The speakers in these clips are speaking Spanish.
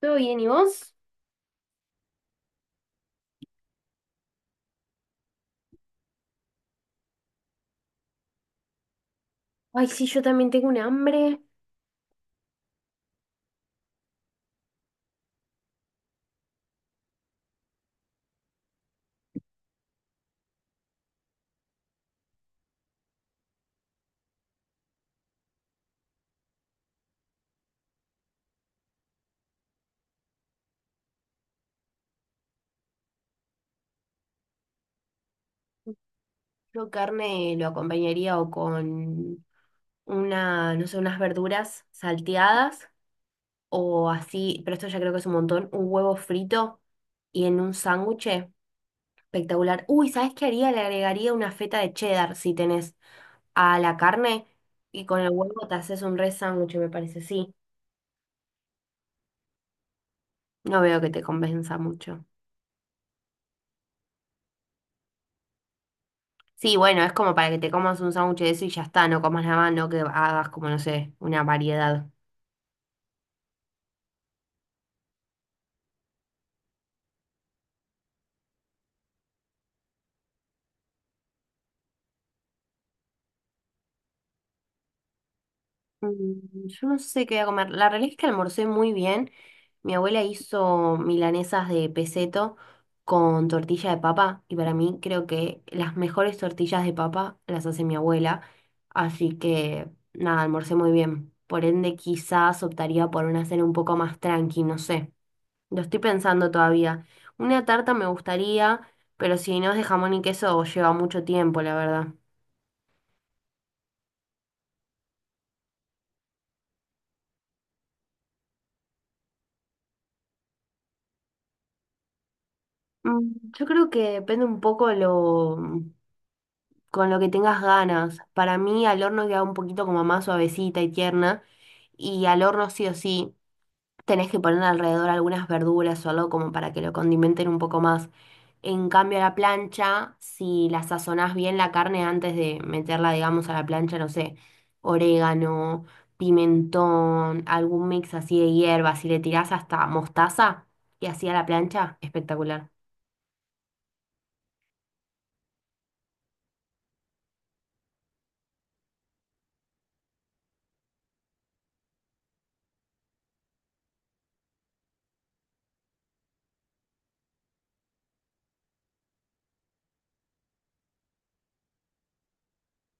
¿Todo bien? ¿Y vos? Ay, sí, yo también tengo un hambre. Yo carne lo acompañaría o con una, no sé, unas verduras salteadas o así, pero esto ya creo que es un montón, un huevo frito y en un sándwich espectacular. Uy, ¿sabes qué haría? Le agregaría una feta de cheddar si tenés a la carne y con el huevo te haces un re sándwich, me parece, sí. No veo que te convenza mucho. Sí, bueno, es como para que te comas un sándwich de eso y ya está, no comas nada más, no que hagas como, no sé, una variedad. Mm, yo no sé qué voy a comer. La realidad es que almorcé muy bien. Mi abuela hizo milanesas de peseto con tortilla de papa y para mí creo que las mejores tortillas de papa las hace mi abuela. Así que nada, almorcé muy bien. Por ende, quizás optaría por una cena un poco más tranqui, no sé. Lo estoy pensando todavía. Una tarta me gustaría, pero si no es de jamón y queso, lleva mucho tiempo, la verdad. Mm, yo creo que depende un poco lo con lo que tengas ganas. Para mí al horno queda un poquito como más suavecita y tierna. Y al horno sí o sí tenés que poner alrededor algunas verduras o algo como para que lo condimenten un poco más. En cambio a la plancha, si la sazonás bien la carne antes de meterla, digamos, a la plancha, no sé, orégano, pimentón, algún mix así de hierbas, si le tirás hasta mostaza y así a la plancha, espectacular.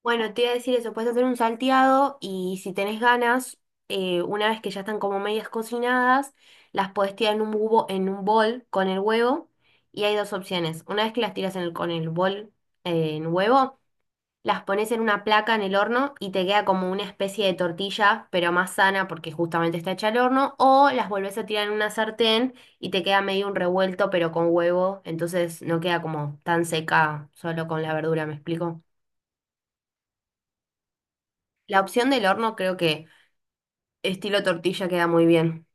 Bueno, te iba a decir eso, puedes hacer un salteado y si tenés ganas, una vez que ya están como medias cocinadas, las podés tirar en un bubo, en un bol con el huevo y hay dos opciones. Una vez que las tiras con el bol en huevo, las pones en una placa en el horno y te queda como una especie de tortilla, pero más sana porque justamente está hecha al horno, o las volvés a tirar en una sartén y te queda medio un revuelto pero con huevo, entonces no queda como tan seca solo con la verdura, ¿me explico? La opción del horno creo que estilo tortilla queda muy bien.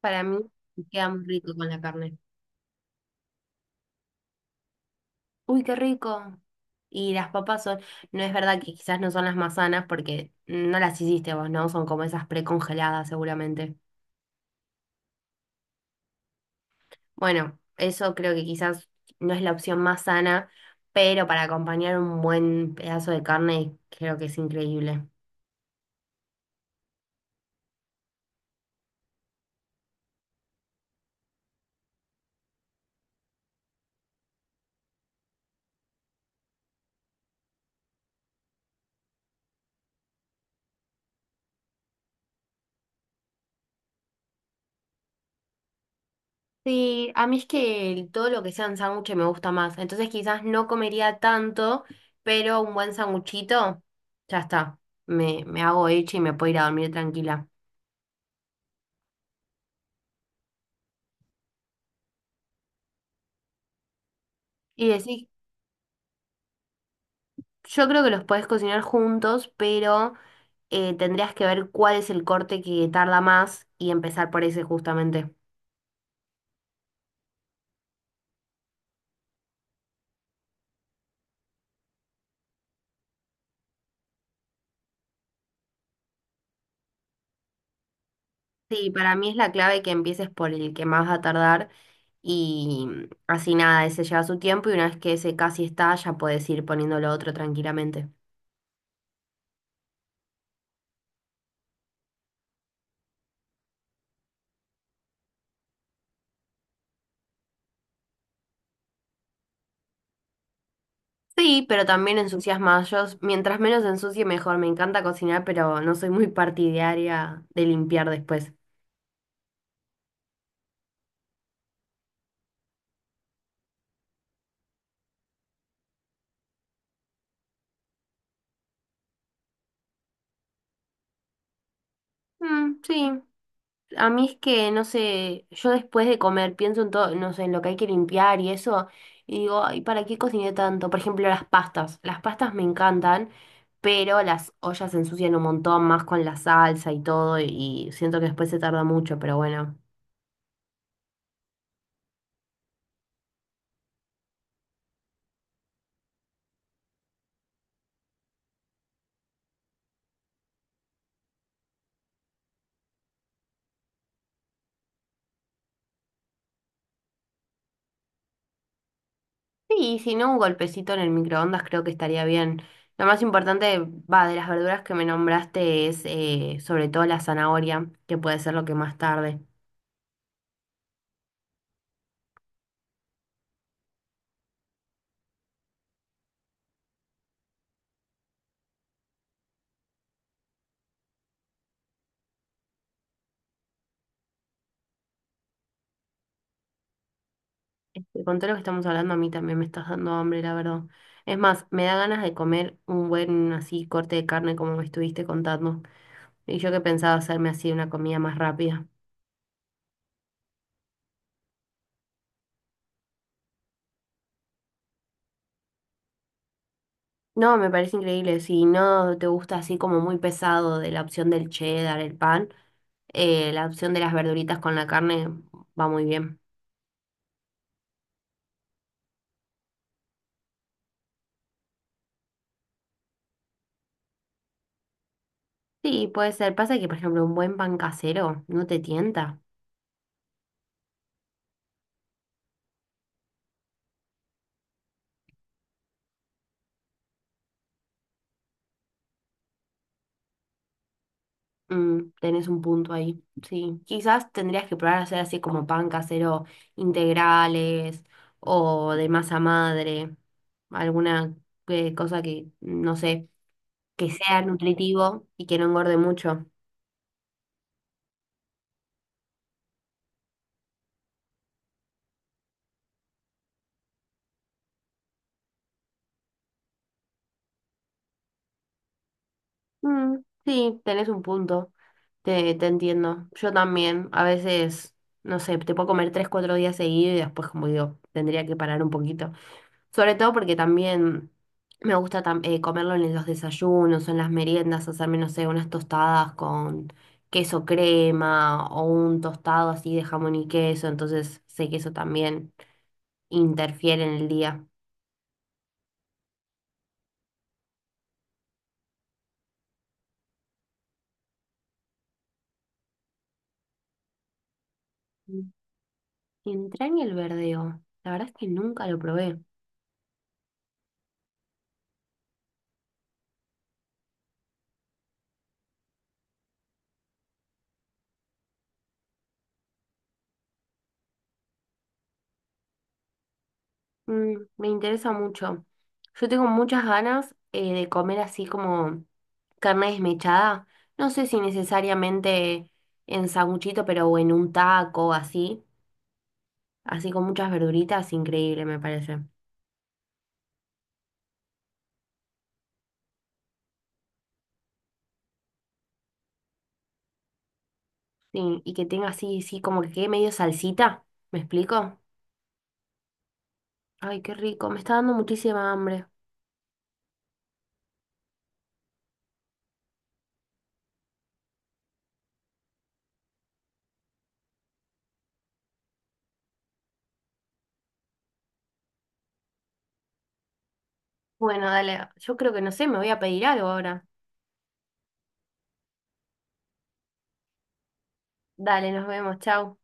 Para mí queda muy rico con la carne. Uy, qué rico. Y las papas son, no es verdad que quizás no son las más sanas porque no las hiciste vos, ¿no? Son como esas precongeladas seguramente. Bueno, eso creo que quizás no es la opción más sana, pero para acompañar un buen pedazo de carne creo que es increíble. Sí, a mí es que todo lo que sean sándwiches me gusta más. Entonces quizás no comería tanto, pero un buen sanguchito, ya está. Me hago hecha y me puedo ir a dormir tranquila. Y decís, yo creo que los podés cocinar juntos, pero tendrías que ver cuál es el corte que tarda más y empezar por ese justamente. Sí, para mí es la clave que empieces por el que más va a tardar y así nada, ese lleva su tiempo y una vez que ese casi está, ya puedes ir poniendo lo otro tranquilamente. Sí, pero también ensucias más. Yo, mientras menos ensucie, mejor. Me encanta cocinar, pero no soy muy partidaria de limpiar después. Mm, sí. A mí es que, no sé, yo después de comer pienso en todo, no sé, en lo que hay que limpiar y eso, y digo, ay, ¿para qué cociné tanto? Por ejemplo, las pastas. Las pastas me encantan, pero las ollas se ensucian un montón más con la salsa y todo, y siento que después se tarda mucho, pero bueno. Sí, y si no, un golpecito en el microondas creo que estaría bien. Lo más importante, va, de las verduras que me nombraste es sobre todo la zanahoria, que puede ser lo que más tarde. Este, con todo lo que estamos hablando, a mí también me estás dando hambre, la verdad. Es más, me da ganas de comer un buen así corte de carne como me estuviste contando. Y yo que pensaba hacerme así una comida más rápida. No, me parece increíble. Si no te gusta así como muy pesado de la opción del cheddar, el pan, la opción de las verduritas con la carne va muy bien. Sí, puede ser. Pasa que, por ejemplo, un buen pan casero no te tienta. Mm, tenés un punto ahí. Sí. Quizás tendrías que probar a hacer así como pan casero integrales o de masa madre. Alguna cosa que, no sé, que sea nutritivo y que no engorde mucho. Mm, sí, tenés un punto. Te entiendo. Yo también. A veces, no sé, te puedo comer tres, cuatro días seguidos y después, como digo, tendría que parar un poquito. Sobre todo porque también me gusta comerlo en los desayunos o en las meriendas, hacerme, no sé, unas tostadas con queso crema o un tostado así de jamón y queso, entonces sé que eso también interfiere en el día. Mm. Entraña el verdeo, la verdad es que nunca lo probé. Mm, me interesa mucho. Yo tengo muchas ganas de comer así como carne desmechada, no sé si necesariamente en sanguchito, pero o en un taco así. Así con muchas verduritas, increíble me parece. Sí, y que tenga así, sí, como que quede medio salsita, ¿me explico? Ay, qué rico, me está dando muchísima hambre. Bueno, dale, yo creo que no sé, me voy a pedir algo ahora. Dale, nos vemos, chao.